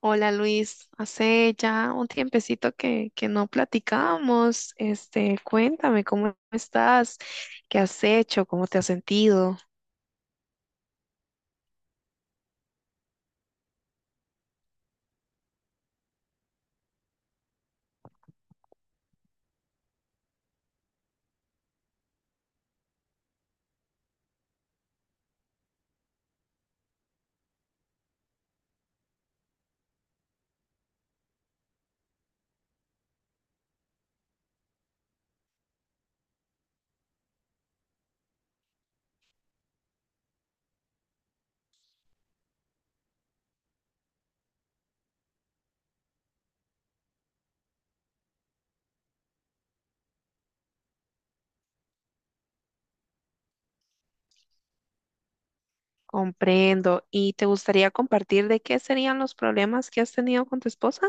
Hola Luis, hace ya un tiempecito que no platicamos. Cuéntame cómo estás, qué has hecho, cómo te has sentido, comprendo. ¿Y te gustaría compartir de qué serían los problemas que has tenido con tu esposa?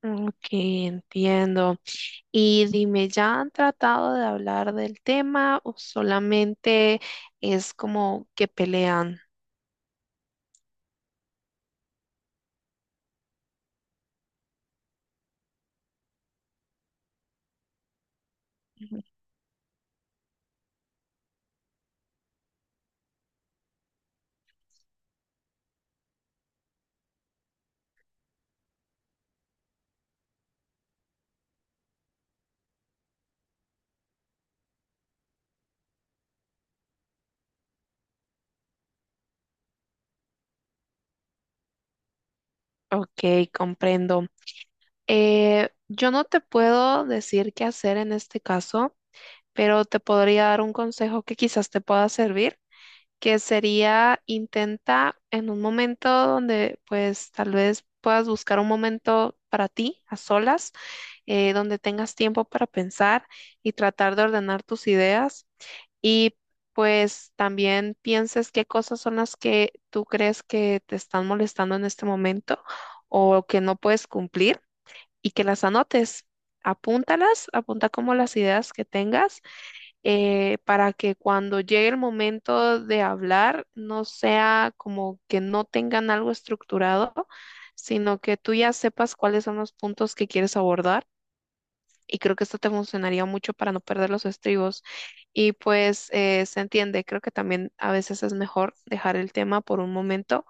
Ok, entiendo. Y dime, ¿ya han tratado de hablar del tema o solamente es como que pelean? Ok, comprendo. Yo no te puedo decir qué hacer en este caso, pero te podría dar un consejo que quizás te pueda servir, que sería intenta en un momento donde pues tal vez puedas buscar un momento para ti, a solas, donde tengas tiempo para pensar y tratar de ordenar tus ideas. Y pues también pienses qué cosas son las que tú crees que te están molestando en este momento o que no puedes cumplir y que las anotes. Apúntalas, apunta como las ideas que tengas para que cuando llegue el momento de hablar no sea como que no tengan algo estructurado, sino que tú ya sepas cuáles son los puntos que quieres abordar y creo que esto te funcionaría mucho para no perder los estribos. Y pues se entiende, creo que también a veces es mejor dejar el tema por un momento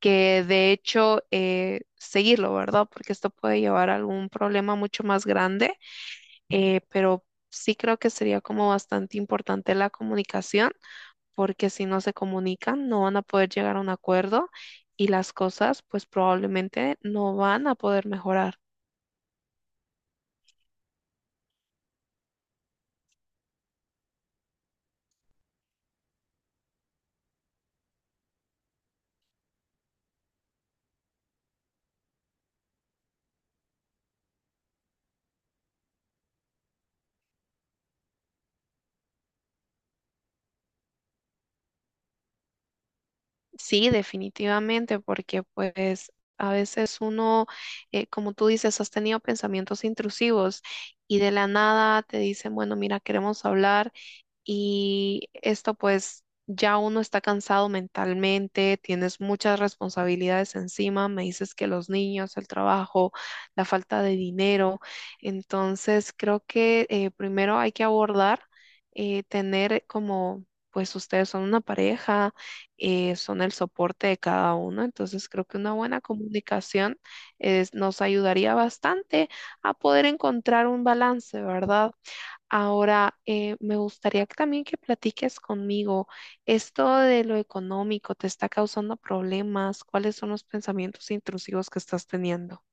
que de hecho seguirlo, ¿verdad? Porque esto puede llevar a algún problema mucho más grande, pero sí creo que sería como bastante importante la comunicación, porque si no se comunican no van a poder llegar a un acuerdo y las cosas pues probablemente no van a poder mejorar. Sí, definitivamente, porque pues a veces uno, como tú dices, has tenido pensamientos intrusivos y de la nada te dicen, bueno, mira, queremos hablar y esto pues ya uno está cansado mentalmente, tienes muchas responsabilidades encima, me dices que los niños, el trabajo, la falta de dinero, entonces creo que primero hay que abordar, tener como... Pues ustedes son una pareja, son el soporte de cada uno, entonces creo que una buena comunicación nos ayudaría bastante a poder encontrar un balance, ¿verdad? Ahora, me gustaría que también que platiques conmigo, ¿esto de lo económico te está causando problemas? ¿Cuáles son los pensamientos intrusivos que estás teniendo?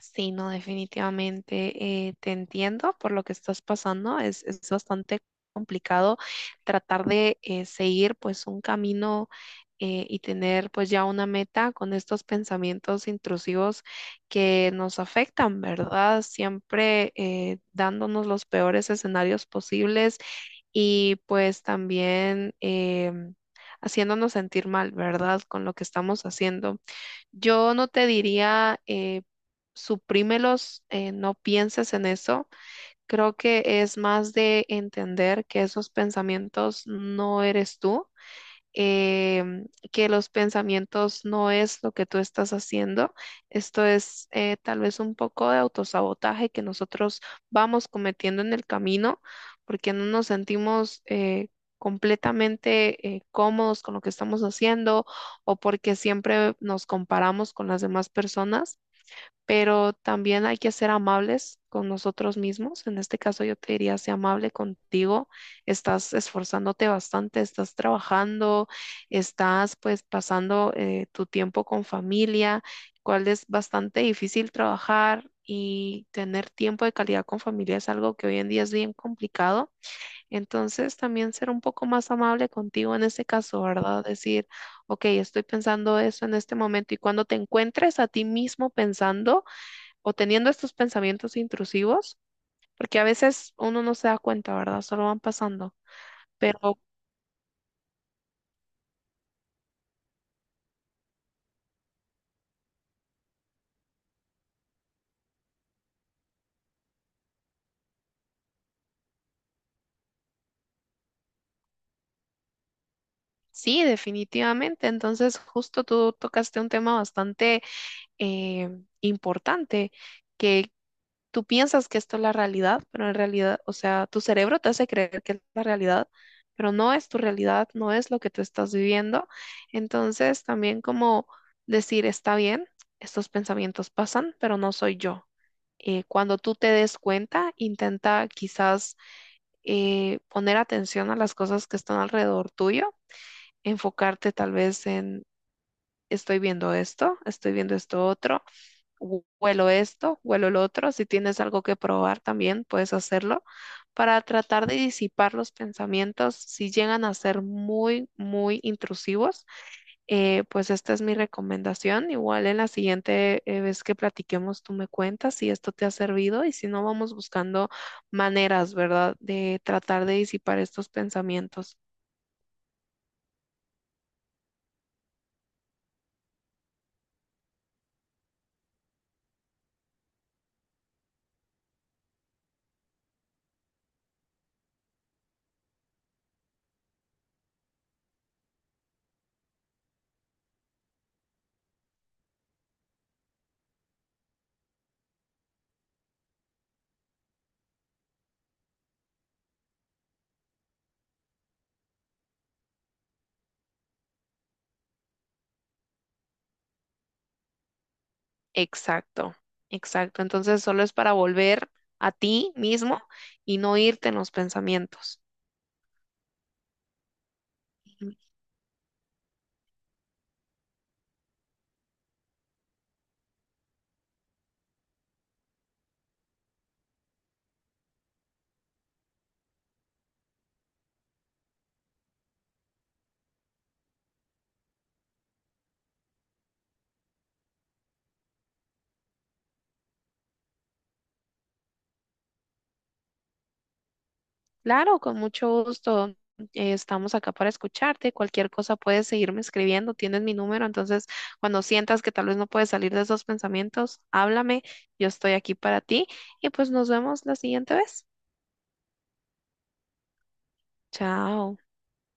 Sí, no, definitivamente te entiendo por lo que estás pasando. Es bastante complicado tratar de seguir pues un camino y tener pues ya una meta con estos pensamientos intrusivos que nos afectan, ¿verdad? Siempre dándonos los peores escenarios posibles y pues también em, haciéndonos sentir mal, ¿verdad? Con lo que estamos haciendo. Yo no te diría, suprímelos, no pienses en eso. Creo que es más de entender que esos pensamientos no eres tú em, que los pensamientos no es lo que tú estás haciendo. Esto es tal vez un poco de autosabotaje que nosotros vamos cometiendo en el camino porque no nos sentimos completamente cómodos con lo que estamos haciendo o porque siempre nos comparamos con las demás personas pero también hay que ser amables con nosotros mismos. En este caso yo te diría, sé amable contigo, estás esforzándote bastante, estás trabajando, estás pues pasando tu tiempo con familia, cual es bastante difícil trabajar. Y tener tiempo de calidad con familia es algo que hoy en día es bien complicado. Entonces, también ser un poco más amable contigo en ese caso, ¿verdad? Decir, ok, estoy pensando eso en este momento y cuando te encuentres a ti mismo pensando, o teniendo estos pensamientos intrusivos, porque a veces uno no se da cuenta, ¿verdad? Solo van pasando. Pero sí, definitivamente. Entonces, justo tú tocaste un tema bastante eh, importante, que tú piensas que esto es la realidad, pero en realidad, o sea, tu cerebro te hace creer que es la realidad, pero no es tu realidad, no es lo que tú estás viviendo. Entonces, también como decir, está bien, estos pensamientos pasan, pero no soy yo. Cuando tú te des cuenta, intenta quizás poner atención a las cosas que están alrededor tuyo, enfocarte tal vez en, estoy viendo esto otro huelo esto, huelo el otro. Si tienes algo que probar también, puedes hacerlo para tratar de disipar los pensamientos si llegan a ser muy, muy intrusivos. Pues esta es mi recomendación. Igual en la siguiente vez que platiquemos, tú me cuentas si esto te ha servido y si no, vamos buscando maneras, ¿verdad?, de tratar de disipar estos pensamientos. Exacto, exacto. Entonces, solo es para volver a ti mismo y no irte en los pensamientos. Claro, con mucho gusto. Estamos acá para escucharte. Cualquier cosa puedes seguirme escribiendo. Tienes mi número, entonces cuando sientas que tal vez no puedes salir de esos pensamientos, háblame. Yo estoy aquí para ti y pues nos vemos la siguiente vez. Chao.